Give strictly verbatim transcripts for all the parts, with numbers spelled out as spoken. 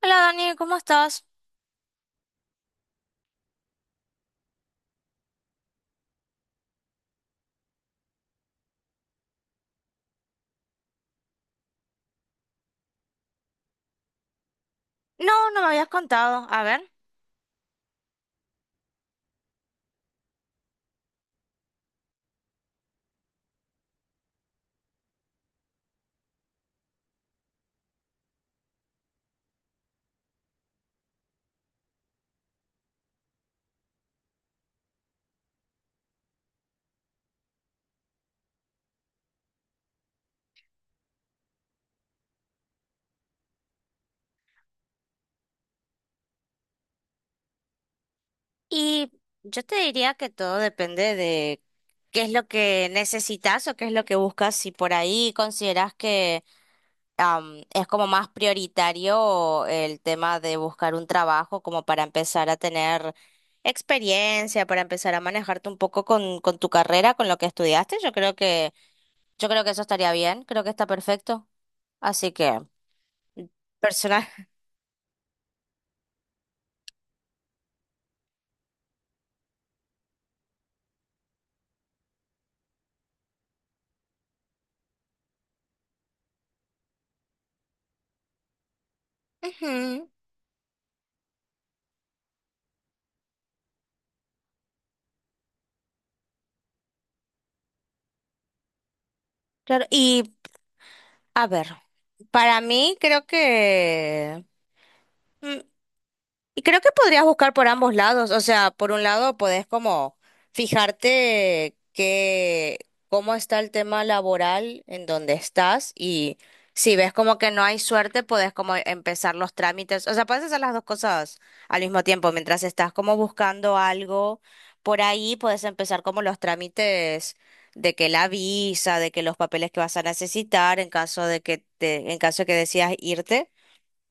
Hola Dani, ¿cómo estás? No, no me habías contado. A ver, y yo te diría que todo depende de qué es lo que necesitas o qué es lo que buscas. Si por ahí consideras que am, es como más prioritario el tema de buscar un trabajo como para empezar a tener experiencia, para empezar a manejarte un poco con, con tu carrera, con lo que estudiaste, yo creo que, yo creo que eso estaría bien, creo que está perfecto. Así que, personal. Ujú, claro, y a ver, para mí creo que mm, y creo que podrías buscar por ambos lados, o sea, por un lado podés como fijarte que cómo está el tema laboral en donde estás y si ves como que no hay suerte, podés como empezar los trámites, o sea, puedes hacer las dos cosas al mismo tiempo, mientras estás como buscando algo por ahí, puedes empezar como los trámites de que la visa, de que los papeles que vas a necesitar en caso de que te, en caso de que decidas irte.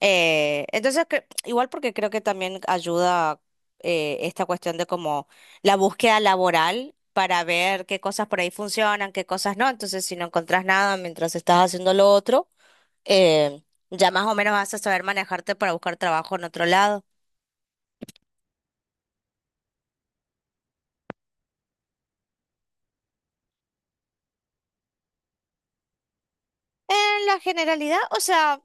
Eh, entonces, cre- igual porque creo que también ayuda eh, esta cuestión de como la búsqueda laboral para ver qué cosas por ahí funcionan, qué cosas no. Entonces, si no encontrás nada mientras estás haciendo lo otro, eh, ya más o menos vas a saber manejarte para buscar trabajo en otro lado. En la generalidad, o sea,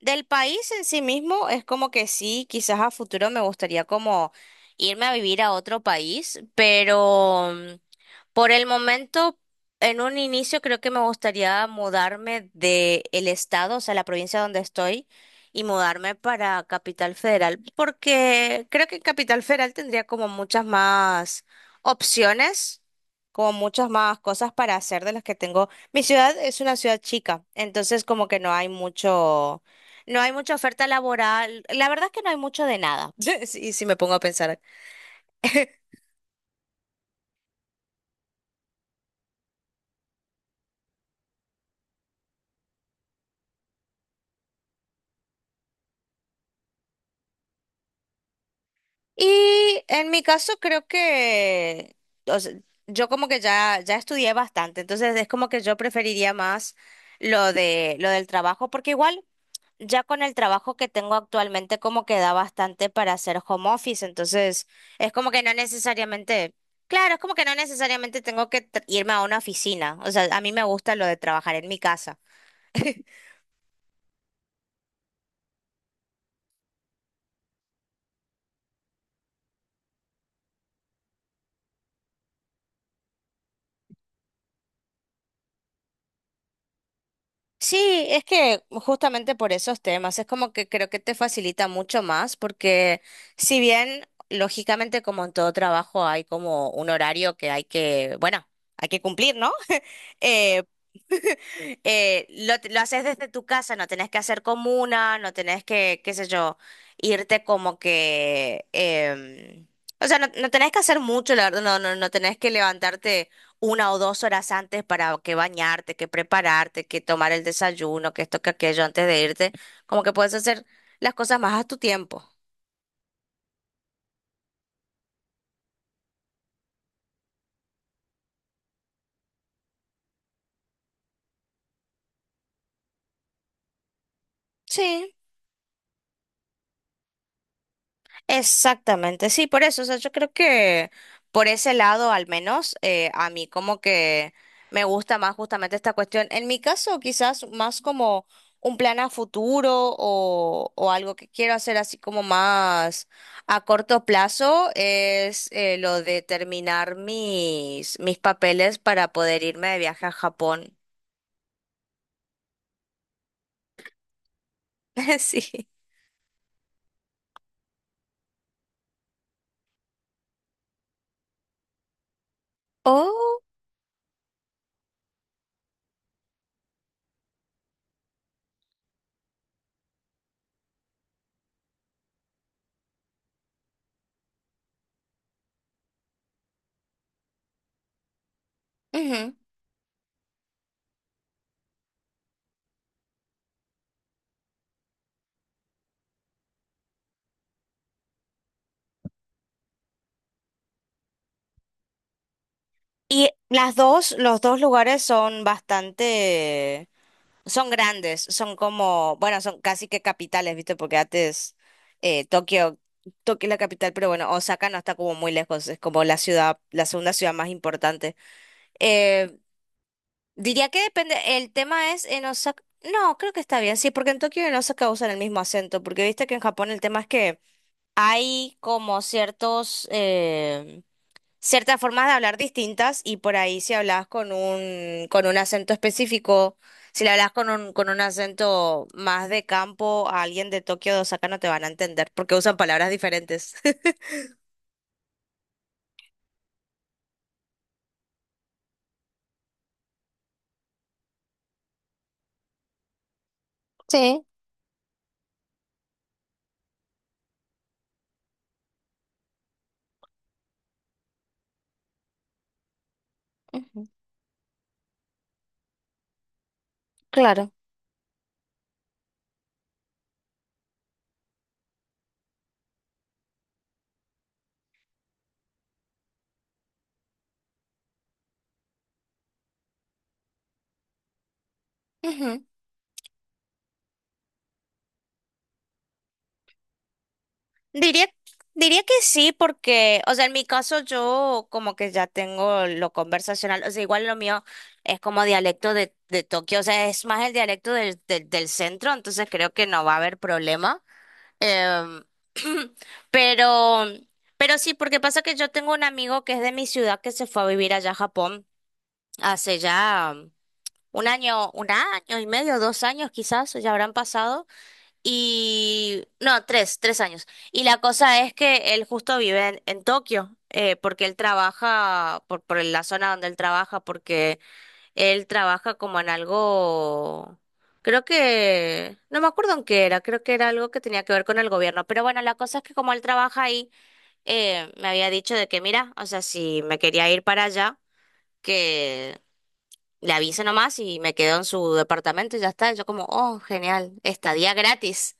del país en sí mismo es como que sí, quizás a futuro me gustaría como irme a vivir a otro país, pero... mm, Por el momento, en un inicio creo que me gustaría mudarme de el estado, o sea, la provincia donde estoy, y mudarme para Capital Federal, porque creo que en Capital Federal tendría como muchas más opciones, como muchas más cosas para hacer de las que tengo. Mi ciudad es una ciudad chica, entonces como que no hay mucho, no hay mucha oferta laboral. La verdad es que no hay mucho de nada, si, si me pongo a pensar. Y en mi caso creo que, o sea, yo como que ya, ya estudié bastante, entonces es como que yo preferiría más lo de, lo del trabajo, porque igual ya con el trabajo que tengo actualmente como que da bastante para hacer home office, entonces es como que no necesariamente, claro, es como que no necesariamente tengo que tr- irme a una oficina, o sea, a mí me gusta lo de trabajar en mi casa. Sí, es que justamente por esos temas, es como que creo que te facilita mucho más, porque si bien, lógicamente, como en todo trabajo, hay como un horario que hay que, bueno, hay que cumplir, ¿no? Eh, eh, lo, lo haces desde tu casa, no tenés que hacer comuna, no tenés que, qué sé yo, irte como que, em, o sea, no, no tenés que hacer mucho, la verdad, no, no, no tenés que levantarte una o dos horas antes para que bañarte, que prepararte, que tomar el desayuno, que esto, que aquello antes de irte. Como que puedes hacer las cosas más a tu tiempo. Sí. Exactamente, sí, por eso, o sea, yo creo que por ese lado al menos eh, a mí como que me gusta más justamente esta cuestión. En mi caso quizás más como un plan a futuro o, o algo que quiero hacer así como más a corto plazo es eh, lo de terminar mis, mis papeles para poder irme de viaje a Japón. Sí. Oh, ujú. Y las dos, los dos lugares son bastante. Son grandes, son como, bueno, son casi que capitales, ¿viste? Porque antes eh, Tokio, Tokio es la capital, pero bueno, Osaka no está como muy lejos, es como la ciudad, la segunda ciudad más importante. Eh, Diría que depende, el tema es en Osaka, no, creo que está bien, sí, porque en Tokio y en Osaka usan el mismo acento, porque viste que en Japón el tema es que hay como ciertos, eh, ciertas formas de hablar distintas y por ahí si hablas con un, con un, acento específico, si le hablas con un, con un acento más de campo a alguien de Tokio de Osaka no te van a entender porque usan palabras diferentes. Sí, ujú, claro. Ujú. Diría, diría que sí, porque, o sea, en mi caso yo como que ya tengo lo conversacional, o sea, igual lo mío es como dialecto de, de Tokio, o sea, es más el dialecto del, del, del centro, entonces creo que no va a haber problema. Em, pero, pero sí, porque pasa que yo tengo un amigo que es de mi ciudad que se fue a vivir allá a Japón hace ya um, un año, un año y medio, dos años quizás, ya habrán pasado, y no, tres, tres años. Y la cosa es que él justo vive en, en Tokio, eh, porque él trabaja por, por la zona donde él trabaja, él trabaja como en algo, creo que, no me acuerdo en qué era, creo que era algo que tenía que ver con el gobierno, pero bueno, la cosa es que como él trabaja ahí, eh, me había dicho de que, mira, o sea, si me quería ir para allá, que le avise nomás y me quedo en su departamento y ya está. Y Yo como, oh, genial, estadía gratis.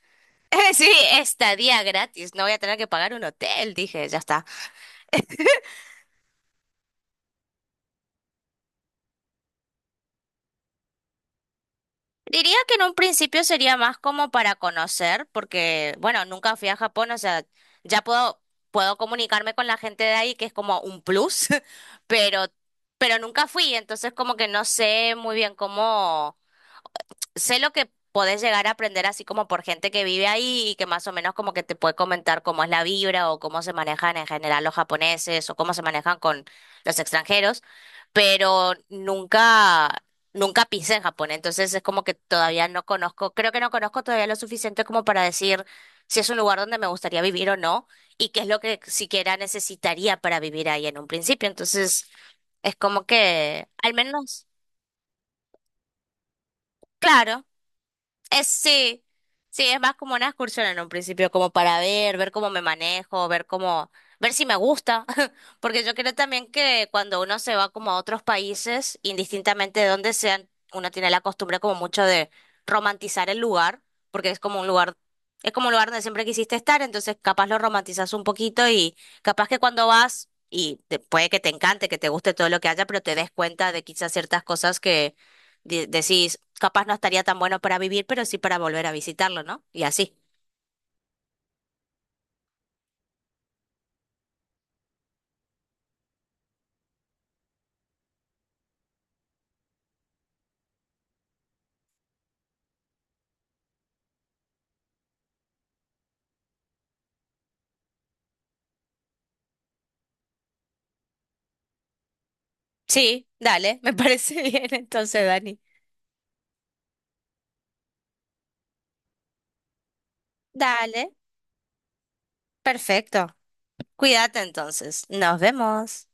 Sí, estadía gratis, no voy a tener que pagar un hotel, dije, ya está. Diría que en un principio sería más como para conocer, porque, bueno, nunca fui a Japón, o sea, ya puedo, puedo, comunicarme con la gente de ahí, que es como un plus, pero, pero nunca fui, entonces como que no sé muy bien cómo sé lo que podés llegar a aprender así como por gente que vive ahí y que más o menos como que te puede comentar cómo es la vibra o cómo se manejan en general los japoneses o cómo se manejan con los extranjeros, pero nunca, nunca pisé en Japón, entonces es como que todavía no conozco, creo que no conozco todavía lo suficiente como para decir si es un lugar donde me gustaría vivir o no y qué es lo que siquiera necesitaría para vivir ahí en un principio, entonces es como que al menos, claro. Es, sí, sí, es más como una excursión en un principio, como para ver, ver, cómo me manejo, ver cómo, ver si me gusta, porque yo creo también que cuando uno se va como a otros países, indistintamente de dónde sean, uno tiene la costumbre como mucho de romantizar el lugar, porque es como un lugar, es como un lugar donde siempre quisiste estar, entonces capaz lo romantizas un poquito y capaz que cuando vas, y te- puede que te encante, que te guste todo lo que haya, pero te des cuenta de quizás ciertas cosas de- decís, capaz no estaría tan bueno para vivir, pero sí para volver a visitarlo, ¿no? Y así. Sí, dale, me parece bien entonces, Dani. Dale, perfecto. Cuídate entonces. Nos vemos.